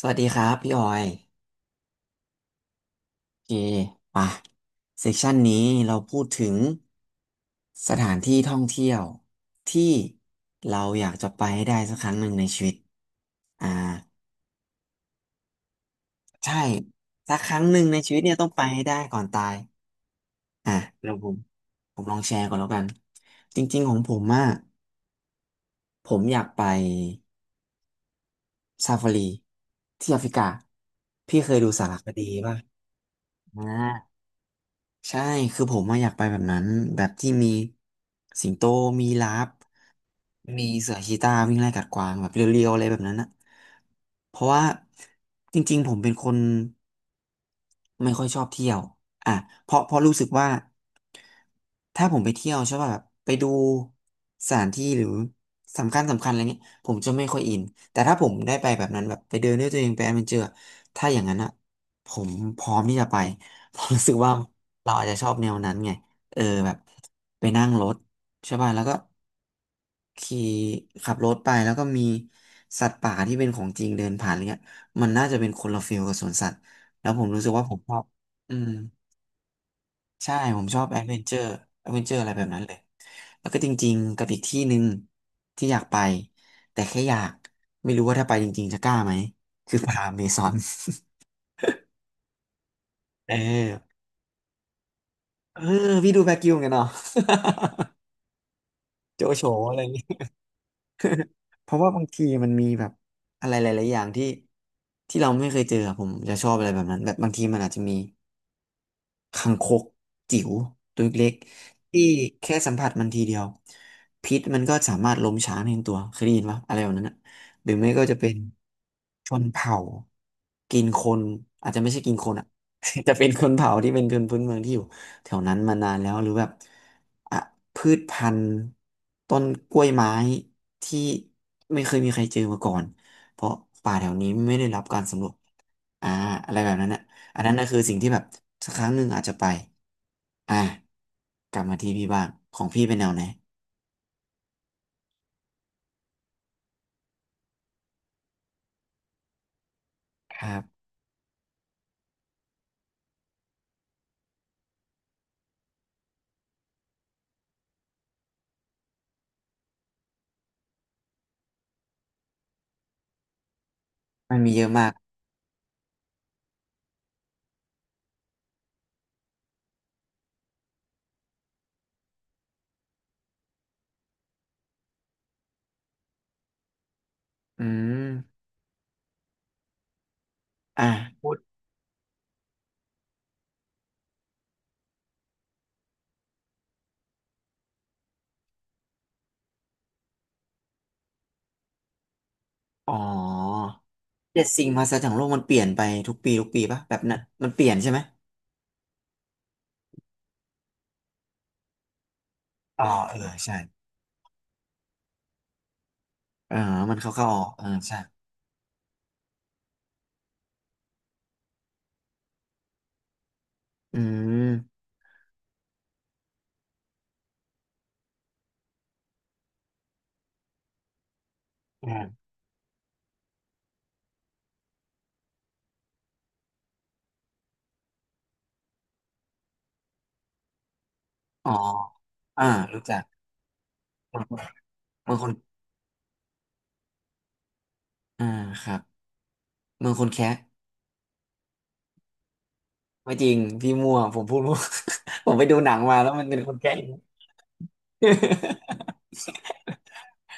สวัสดีครับพี่ออยโอเคป่ะเซสชันนี้เราพูดถึงสถานที่ท่องเที่ยวที่เราอยากจะไปให้ได้สักครั้งหนึ่งในชีวิตอ่าใช่สักครั้งหนึ่งในชีวิตเนี่ยต้องไปให้ได้ก่อนตายอ่ะเดี๋ยวผมลองแชร์ก่อนแล้วกันจริงๆของผมอะผมอยากไปซาฟารีที่แอฟริกาพี่เคยดูสารคดีป่ะอ่า ใช่ คือผมมาอะอยากไปแบบนั้น แบบที่มีสิงโต มีลาฟ มีเสือชีตาวิ่งไล่กัดกวางแบบเรียวๆอะไรแบบนั้นอะเพราะว่าจริงๆผมเป็นคนไม่ค่อยชอบเที่ยวอ่ะเพราะรู้สึกว่าถ้าผมไปเที่ยวใช่ป่ะแบบไปดูสถานที่หรือสำคัญสำคัญอะไรเงี้ยผมจะไม่ค่อยอินแต่ถ้าผมได้ไปแบบนั้นแบบไปเดินด้วยตัวเองไปแอดเวนเจอร์ถ้าอย่างนั้นอะผมพร้อมที่จะไป ผมรู้สึกว่าเราอาจจะชอบแนวนั้นไงเออแบบไปนั่งรถใช่ป่ะแล้วก็ ขี่ขับรถไปแล้วก็มีสัตว์ป่าที่เป็นของจริงเดินผ่านอะไรเงี้ยมันน่าจะเป็นคนละฟิลกับสวนสัตว์แล้วผมรู้สึกว่าผมชอบ อืมใช่ ผมชอบแอดเวนเจอร์แอดเวนเจอร์อะไรแบบนั้นเลย แล้วก็จริงๆกับอีกที่หนึ่งที่อยากไปแต่แค่อยากไม่รู้ว่าถ้าไปจริงๆจะกล้าไหมคือป่าอเมซอน เออเออพี่ดูแบคกิวเหมือนกันเนาะ โจโฉอะไรอย่างงี้ เพราะว่าบางทีมันมีแบบอะไรหลายๆอย่างที่เราไม่เคยเจออะผมจะชอบอะไรแบบนั้นแบบบางทีมันอาจจะมี คังคกจิ๋วตัวเล็กๆที่แค่สัมผัสมันทีเดียวพิษมันก็สามารถล้มช้างในตัวเคยได้ยินปะอะไรแบบนั้นนะหรือไม่ก็จะเป็นชนเผ่ากินคนอาจจะไม่ใช่กินคนอ่ะ จะเป็นคนเผ่าที่เป็นคนพื้นเมืองที่อยู่แถวนั้นมานานแล้วหรือแบบอ่ะพืชพันธุ์ต้นกล้วยไม้ที่ไม่เคยมีใครเจอมาก่อนเพราะป่าแถวนี้ไม่ได้รับการสำรวจอ่าอะไรแบบนั้นนะ อันนั้นนะคือสิ่งที่แบบสักครั้งหนึ่งอาจจะไปอ่ะกลับมาที่พี่บ้างของพี่เป็นแนวไหนครับมันมีเยอะมากอืมอ่ะพูดอ๋อเจ็ดสิ่งมหัศจรรย์ของโลกมันเปลี่ยนไปทุกปีปะแบบนั้นมันเปลี่ยนใช่ไหมอ๋อเออใช่เออมันเข้าเข้าออกเออใช่อืมอืมอ๋ออ่ารู้จักเมืองคนอ่าครับเมืองคนแคะไม่จริงพี่มั่วผมพูดมั่ว ผมไปดูหนังมาแล้วมันเป็นคนแคะ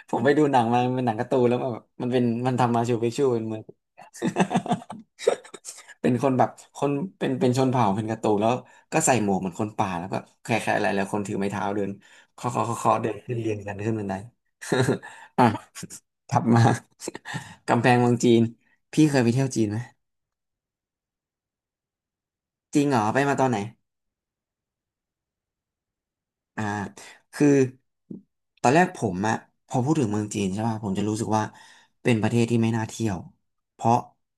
ผมไปดูหนังมามันเป็นหนังการ์ตูนแล้วมันแบบมันเป็นมันทำมาชูพิกชูเป็นเมือง เป็นคนแบบคนเป็นชนเผ่าเป็นการ์ตูนแล้วก็ใส่หมวกเหมือนคนป่าแล้วก็แค่ๆอะไรแล้วคนถือไม้เท้าเดินเคาะเคาะเคาะเคาะเดินขึ้นเรียงกันขึ้นบันได อ่ะ ถัดมา กำแพงเมืองจีนพี่เคยไปเที่ยวจีนไหมจริงเหรอไปมาตอนไหน อ่าคือตอนแรกผมอะพอพูดถึงเมืองจีนใช่ป่ะผมจะรู้สึกว่าเป็นประเทศที่ไม่น่าเที่ยวเพราะ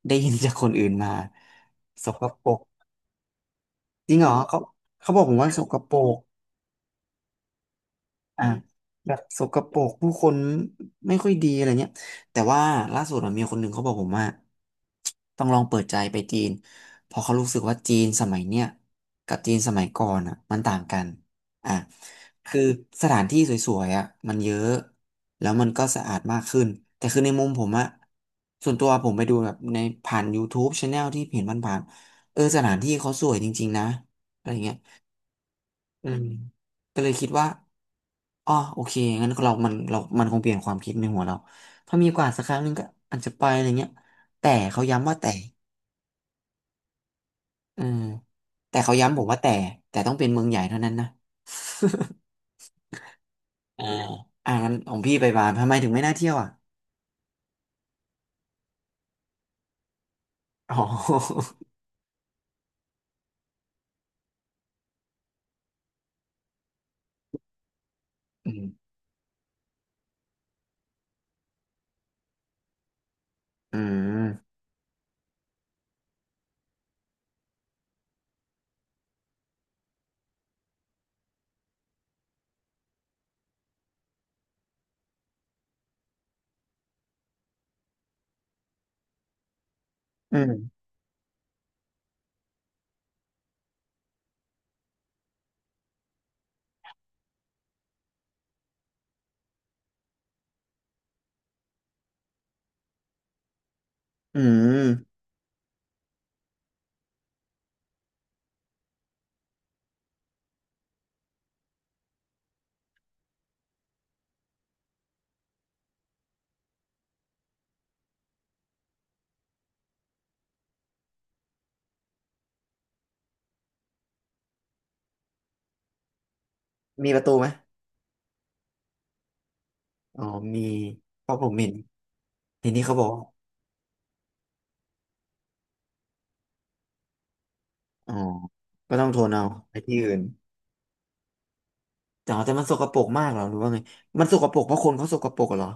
ได้ยินจากคนอื่นมาสกปรกจริงเหรอเขาเขาบอกผมว่าสกปรก อ่าแบบสกปรกผู้คนไม่ค่อยดีอะไรเงี้ยแต่ว่าล่าสุดอะมีคนหนึ่งเขาบอกผมว่าต้องลองเปิดใจไปจีนเพอเขารู้สึกว่าจีนสมัยเนี้ยกับจีนสมัยก่อนอ่ะมันต่างกันอ่ะคือสถานที่สวยๆอ่ะมันเยอะแล้วมันก็สะอาดมากขึ้นแต่คือในมุมผมอ่ะส่วนตัวผมไปดูแบบในผ่าน YouTube Channel ที่เห็นผ่านๆเออสถานที่เขาสวยจริงๆนะอะไรเงี้ยอืมก็เลยคิดว่า อ๋อโอเคงั้นเรามันคงเปลี่ยนความคิดในหัวเราถ้ามีโอกาสสักครั้งหนึ่งก็อาจจะไปอะไรเงี้ยแต่เขาย้ำว่าแต่เออแต่เขาย้ำผมว่าแต่ต้องเป็นเมืองใหญ่เท่านั้นนะ อ่า อ่างั้นของพี่ไปบาหลีทำไมถึงไม่น่าเที่ยวอ่ะอ๋อ อืมอืมอืมอืมมีประตูไหมอ๋อมีเพราะผมเห็นเห็นที่เขาบอกว่าอ๋อก็ต้องทนเอาไปที่อื่นแต่มันสกปรกมากเหรอหรือว่าไง มันสกปรกเพราะคนเขาสกปรกเหรอ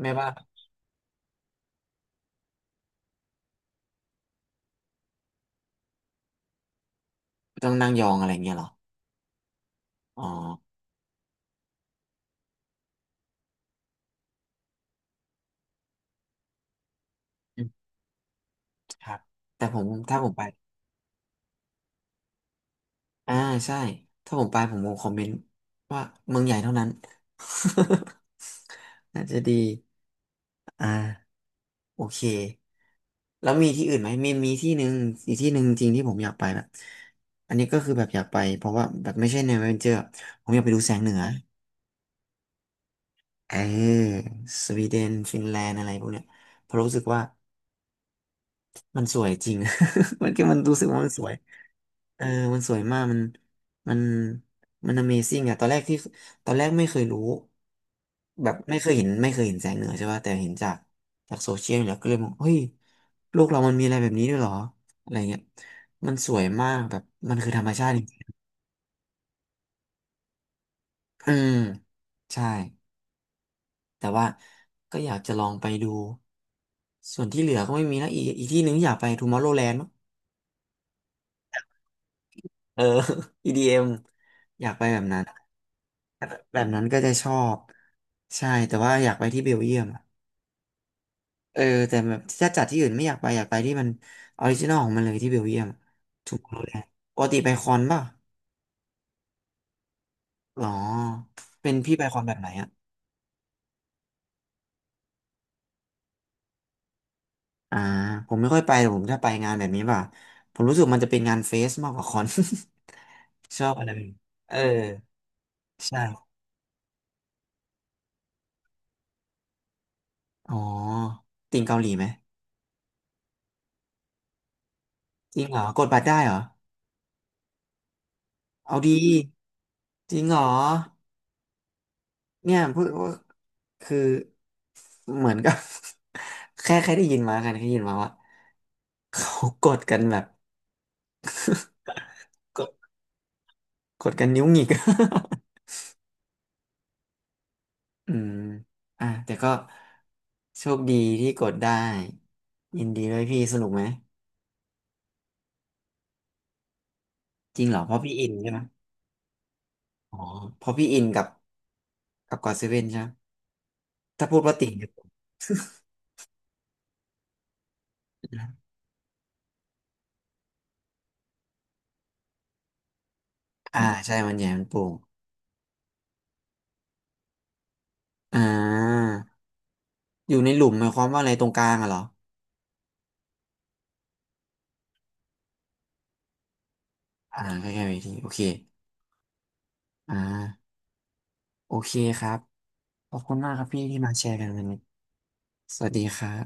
ไม่ว่าต้องนั่งยองอะไรเงี้ยเหรอ อ๋ออืมครับ แต่ผมถ้าผมไป อ่าใช่ ถ้าผมไปผมคงคอมเมนต์ว่าเมืองใหญ่เท่านั้น น่าจะดี อ่าโอเค แล้วมีที่อื่นไหม มีที่หนึ่งอีกที่หนึ่งจริงที่ผมอยากไปแบบอันนี้ก็คือแบบอยากไปเพราะว่าแบบไม่ใช่แนวแอดเวนเจอร์ผมอยากไปดูแสงเหนือเออสวีเดนฟินแลนด์อะไรพวกเนี้ยเพราะรู้สึกว่ามันสวยจริง มันรู้สึกว่ามันสวย เออ มันสวยมาก มันมัน Amazing อะตอนแรกที่ตอนแรกไม่เคยรู้ แบบไม่เคยเห็นแสงเหนือใช่ป่ะแต่เห็นจาก จากโซเชียลเนี่ยก็เลยมองเฮ้ยโลกเรามันมีอะไรแบบนี้ด้วยเหรอ อะไรเงี้ยมันสวยมากแบบ มันคือธรรมชาติจริงๆอืม ใช่ แต่ว่า ก็อยากจะลองไปดู ส่วนที่เหลือก็ไม่มีนะ อีกที่หนึ่งอยากไปทูมอร์โรแลนด์มั้งเออ EDM อมอยากไปแบบนั้นแบบนั้นก็จะชอบใช่แต่ว่าอยากไปที่เบลเยียม เออแต่แบบถ้าจัดที่อื่นไม่อยากไปอยากไปที่มันออริจินอลของมันเลยที่เบลเยียมถูกรู้ลยปกติไปคอนป่ะหรอเป็นพี่ไปคอนแบบไหนอ่ะอ่าผมไม่ค่อยไปแต่ผมถ้าไปงานแบบนี้ป่ะผมรู้สึกมันจะเป็นงานเฟสมากกว่าคอน ชอบอะไรแบบนี้เออใช่อ๋อติงเกาหลีไหมจริงเหรอกดบัตรได้เหรอเอาดีจริงเหรอเนี่ยพูดว่าคือเหมือนกับ แค่ได้ยินมากันแค่ได้ยินมาว่า เขากดกันแบบกดกดกันนิ้วหงิก อืมอ่ะแต่ก็โชคดีที่กดได้ยินดีด้วยพี่สนุกไหมจริงเหรอเพราะพี่อินใช่ไหมอ๋อเพราะพี่อินกับกับกอดเซเว่นใช่ไหมถ้าพูดว่าติ่งกับอ่าใช่มันใหญ่มันโปร่งอ่าอยู่ในหลุมหมายความว่าอะไรตรงกลางอะเหรออ่าใกล้ๆเวทีโอเคอ่าโอเคครับขอบคุณมากครับพี่ที่มาแชร์กันวันนี้สวัสดีครับ